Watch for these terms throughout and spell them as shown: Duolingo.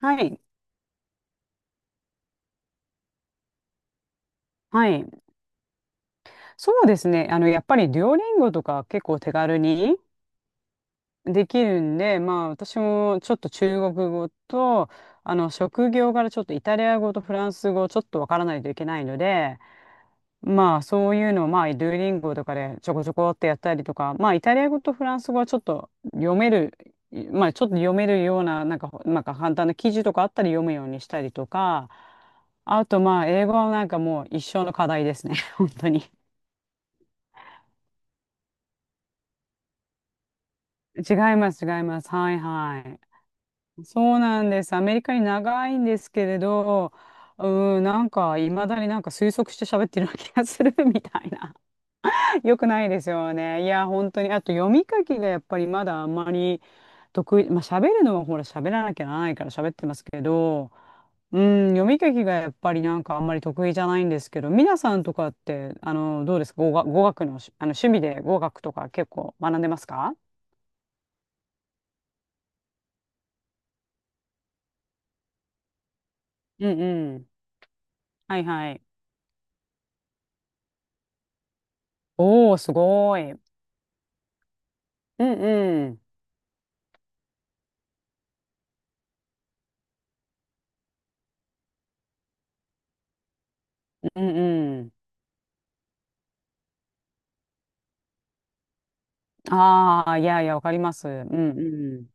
はい。はい。そうですね。あの、やっぱりデュオリンゴとか結構手軽にできるんで、まあ私もちょっと中国語と、あの、職業からちょっとイタリア語とフランス語ちょっとわからないといけないので、まあそういうのをまあデュオリンゴとかでちょこちょこってやったりとか、まあイタリア語とフランス語はちょっと読める、まあちょっと読めるような、なんか、なんか簡単な記事とかあったり読むようにしたりとか、あとまあ英語はなんかもう一生の課題ですね。本当に。違います、違います。はいはい。そうなんです。アメリカに長いんですけれど、うーん、なんか、いまだになんか推測して喋ってるような気がする みたいな。よくないですよね。いや、本当に。あと、読み書きがやっぱりまだあんまり得意。まあ、喋るのはほら、喋らなきゃならないから喋ってますけど、うん、読み書きがやっぱりなんかあんまり得意じゃないんですけど、皆さんとかって、あの、どうですか？語学、語学のし、あの、趣味で語学とか結構学んでますか？うんうん。はいはい。おお、すごい。うんうん。うんうん。ああ、いやいや、わかります。うんうん。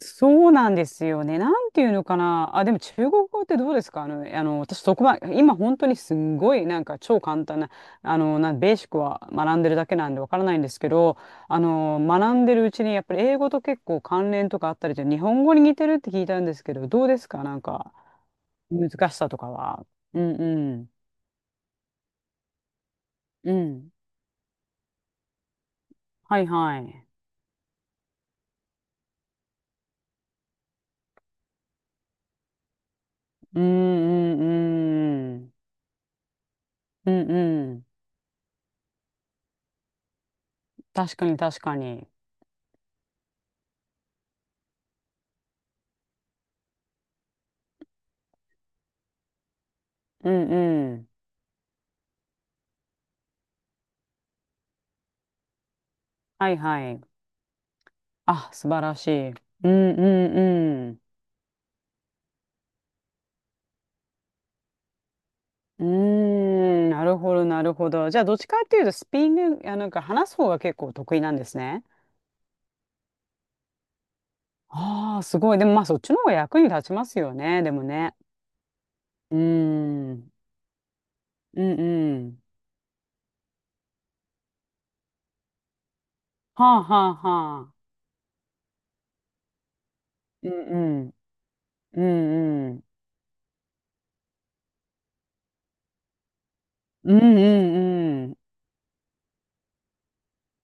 そうなんですよね。なんていうのかな。あ、でも中国語ってどうですか？あの、あの、私そこまで、今本当にすんごいなんか超簡単な、あの、ベーシックは学んでるだけなんでわからないんですけど、あの、学んでるうちにやっぱり英語と結構関連とかあったりで、日本語に似てるって聞いたんですけど、どうですか、なんか、難しさとかは。うんうん。うん。はいはい。うんうんうん。うんうん。確かに確かに。うんうん。はいはい。あ、素晴らしい。うんうんうん。うーん、なるほどなるほど。じゃあどっちかっていうとスピーキング、あ、なんか話す方が結構得意なんですね。ああ、すごい。でもまあそっちの方が役に立ちますよね。でもね。うーん。うんうん。はあはあはあ。うんうん。うんうん。うんうん。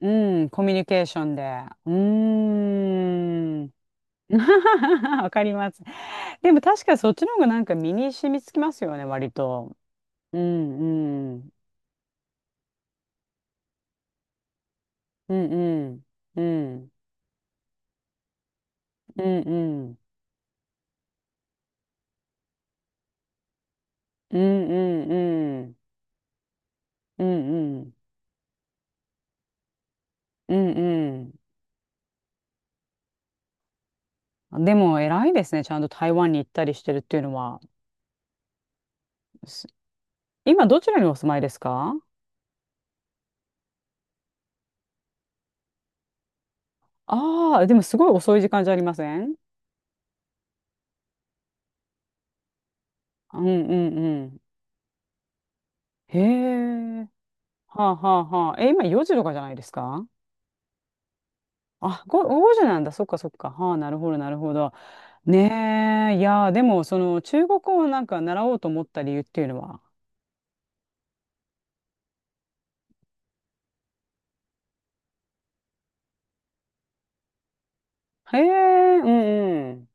うん、コミュニケーションで。うーん。わかります。でも確かにそっちの方がなんか身に染みつきますよね、割と。うん、うん。うんうん。うん。うんうん。うんうんうん。うんうん。うんうん。でも偉いですね。ちゃんと台湾に行ったりしてるっていうのは。す今どちらにお住まいですか？ああー、でもすごい遅い時間じゃありません？うんうんうん。へえ。はあはあはあ。え、今4時とかじゃないですか？あ、ご5時なんだ。そっかそっか。はあ、なるほど、なるほど。ねえ、いやー、でも、その、中国語をなんか習おうと思った理由っていうのは。へえ、うんうん。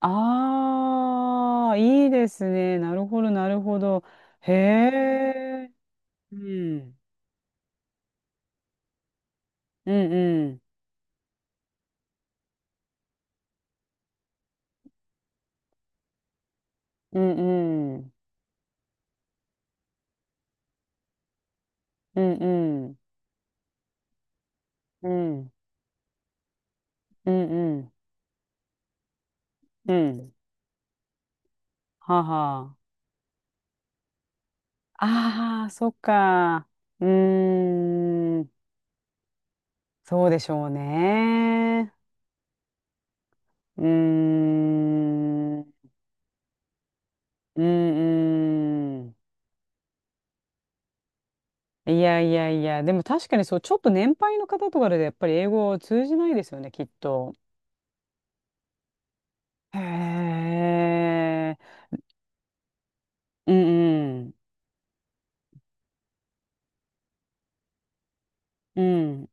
ああ、いいですね。なるほど、なるほど。へえ、うん、うんうん、うんうん、うんうん、うん、うんうん、うん。はあはあ。ああ、そっか。うーん。そうでしょうね。うーん。うーん。いやいやいや、でも確かにそう、ちょっと年配の方とかでやっぱり英語を通じないですよね、きっと。へえ。うんうん。うん。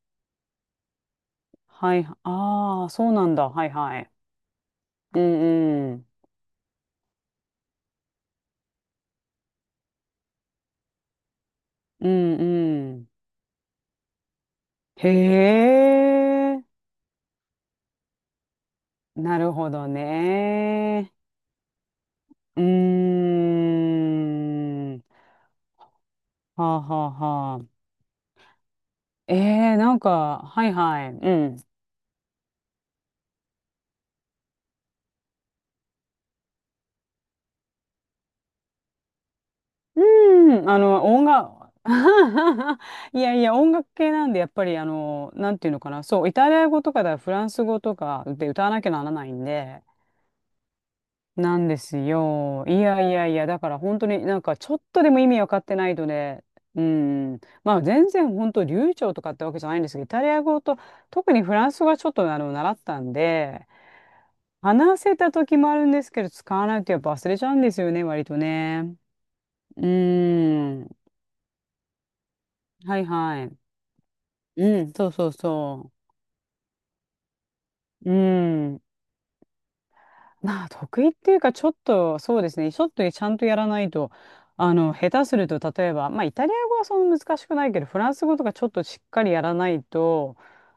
はい。ああ、そうなんだ。はいはい。うんうん。うんうん。へえ。なるほどね。うーん。はあはあは、ええなんか、はいはい。うん。うん、あの、音楽、いやいや、音楽系なんで、やっぱり、あの、なんていうのかな、そう、イタリア語とかだ、フランス語とかで歌わなきゃならないんで、なんですよ。いやいやいや、だから本当になんか、ちょっとでも意味わかってないとね、うん、まあ全然本当流暢とかってわけじゃないんですけど、イタリア語と、特にフランス語はちょっとあの、習ったんで、話せた時もあるんですけど、使わないとやっぱ忘れちゃうんですよね、割とね。うーん。はいはい。うん、そうそうそう。うーん。まあ、得意っていうか、ちょっと、そうですね。ちょっとちゃんとやらないと、あの、下手すると、例えば、まあ、イタリア語はそんな難しくないけど、フランス語とかちょっとしっかりやらないと、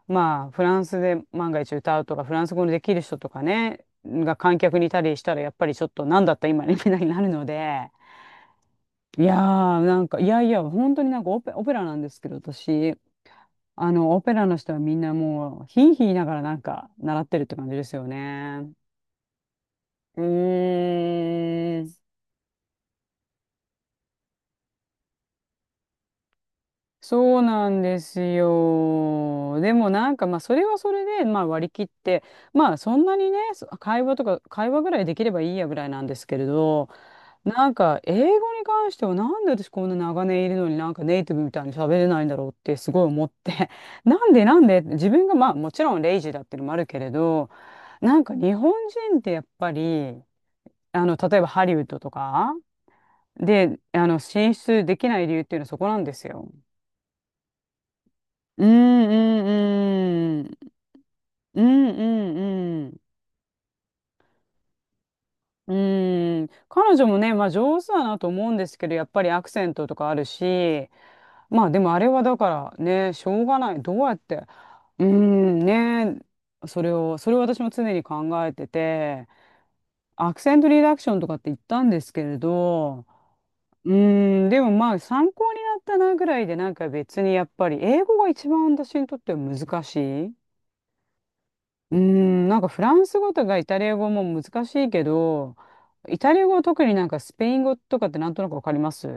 まあ、フランスで万が一歌うとか、フランス語のできる人とかね、が観客にいたりしたら、やっぱりちょっと、なんだった今ね、みたいになるので、いやー、なんか、いやいや、本当になんかオペラなんですけど、私。あの、オペラの人はみんなもう、ヒーヒー言いながらなんか習ってるって感じですよね。うーん。そうなんですよ。でもなんかまあそれはそれでまあ割り切って、まあそんなにね、そ会話とか会話ぐらいできればいいやぐらいなんですけれど、なんか英語に関してはなんで私こんな長年いるのになんかネイティブみたいに喋れないんだろうってすごい思って、 なんでなんで自分がまあもちろんレイジーだっていうのもあるけれど、なんか日本人ってやっぱり、あの、例えばハリウッドとかで、あの、進出できない理由っていうのはそこなんですよ。うんうんうん。うんうんうん。うん。彼女もね、まあ上手だなと思うんですけど、やっぱりアクセントとかあるし、まあでもあれはだからね、しょうがない。どうやって、うん、ね、それを、それを私も常に考えてて、アクセントリダクションとかって言ったんですけれど、うん、でもまあ参考になったなぐらいで、なんか別にやっぱり英語が一番私にとっては難しい。うーん、なんかフランス語とかイタリア語も難しいけど、イタリア語は特になんかスペイン語とかってなんとなくわかります。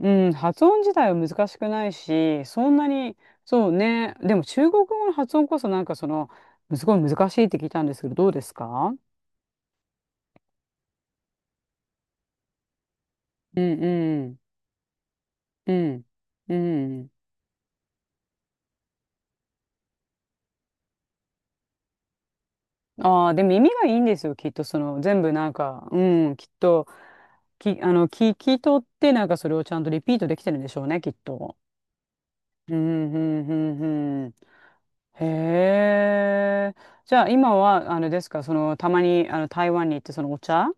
うん、発音自体は難しくないし、そんなに、そうね、でも中国語の発音こそなんかその、すごい難しいって聞いたんですけど、どうですか？うんうん、うん、うん。ああー、でも耳がいいんですよ、きっとその、全部なんか、うん、きっと、き、あの、聞い取ってなんかそれをちゃんとリピートできてるんでしょうね、きっと。うん、うん、うん、うん。へえ。じゃあ今は、あのですか、その、たまに、あの、台湾に行って、そのお茶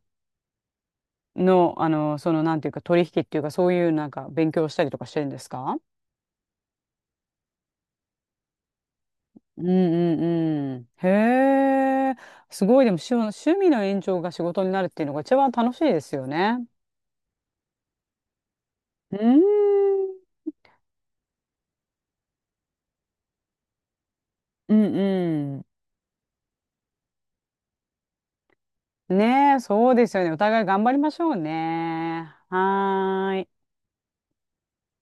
の、あの、その、なんていうか、取引っていうか、そういう、なんか、勉強したりとかしてるんですか？うんうんうん。へえ。すごい、でも、趣味の延長が仕事になるっていうのが一番楽しいですよね。うーん。うんうん。ねえ、そうですよね。お互い頑張りましょうね。はーい。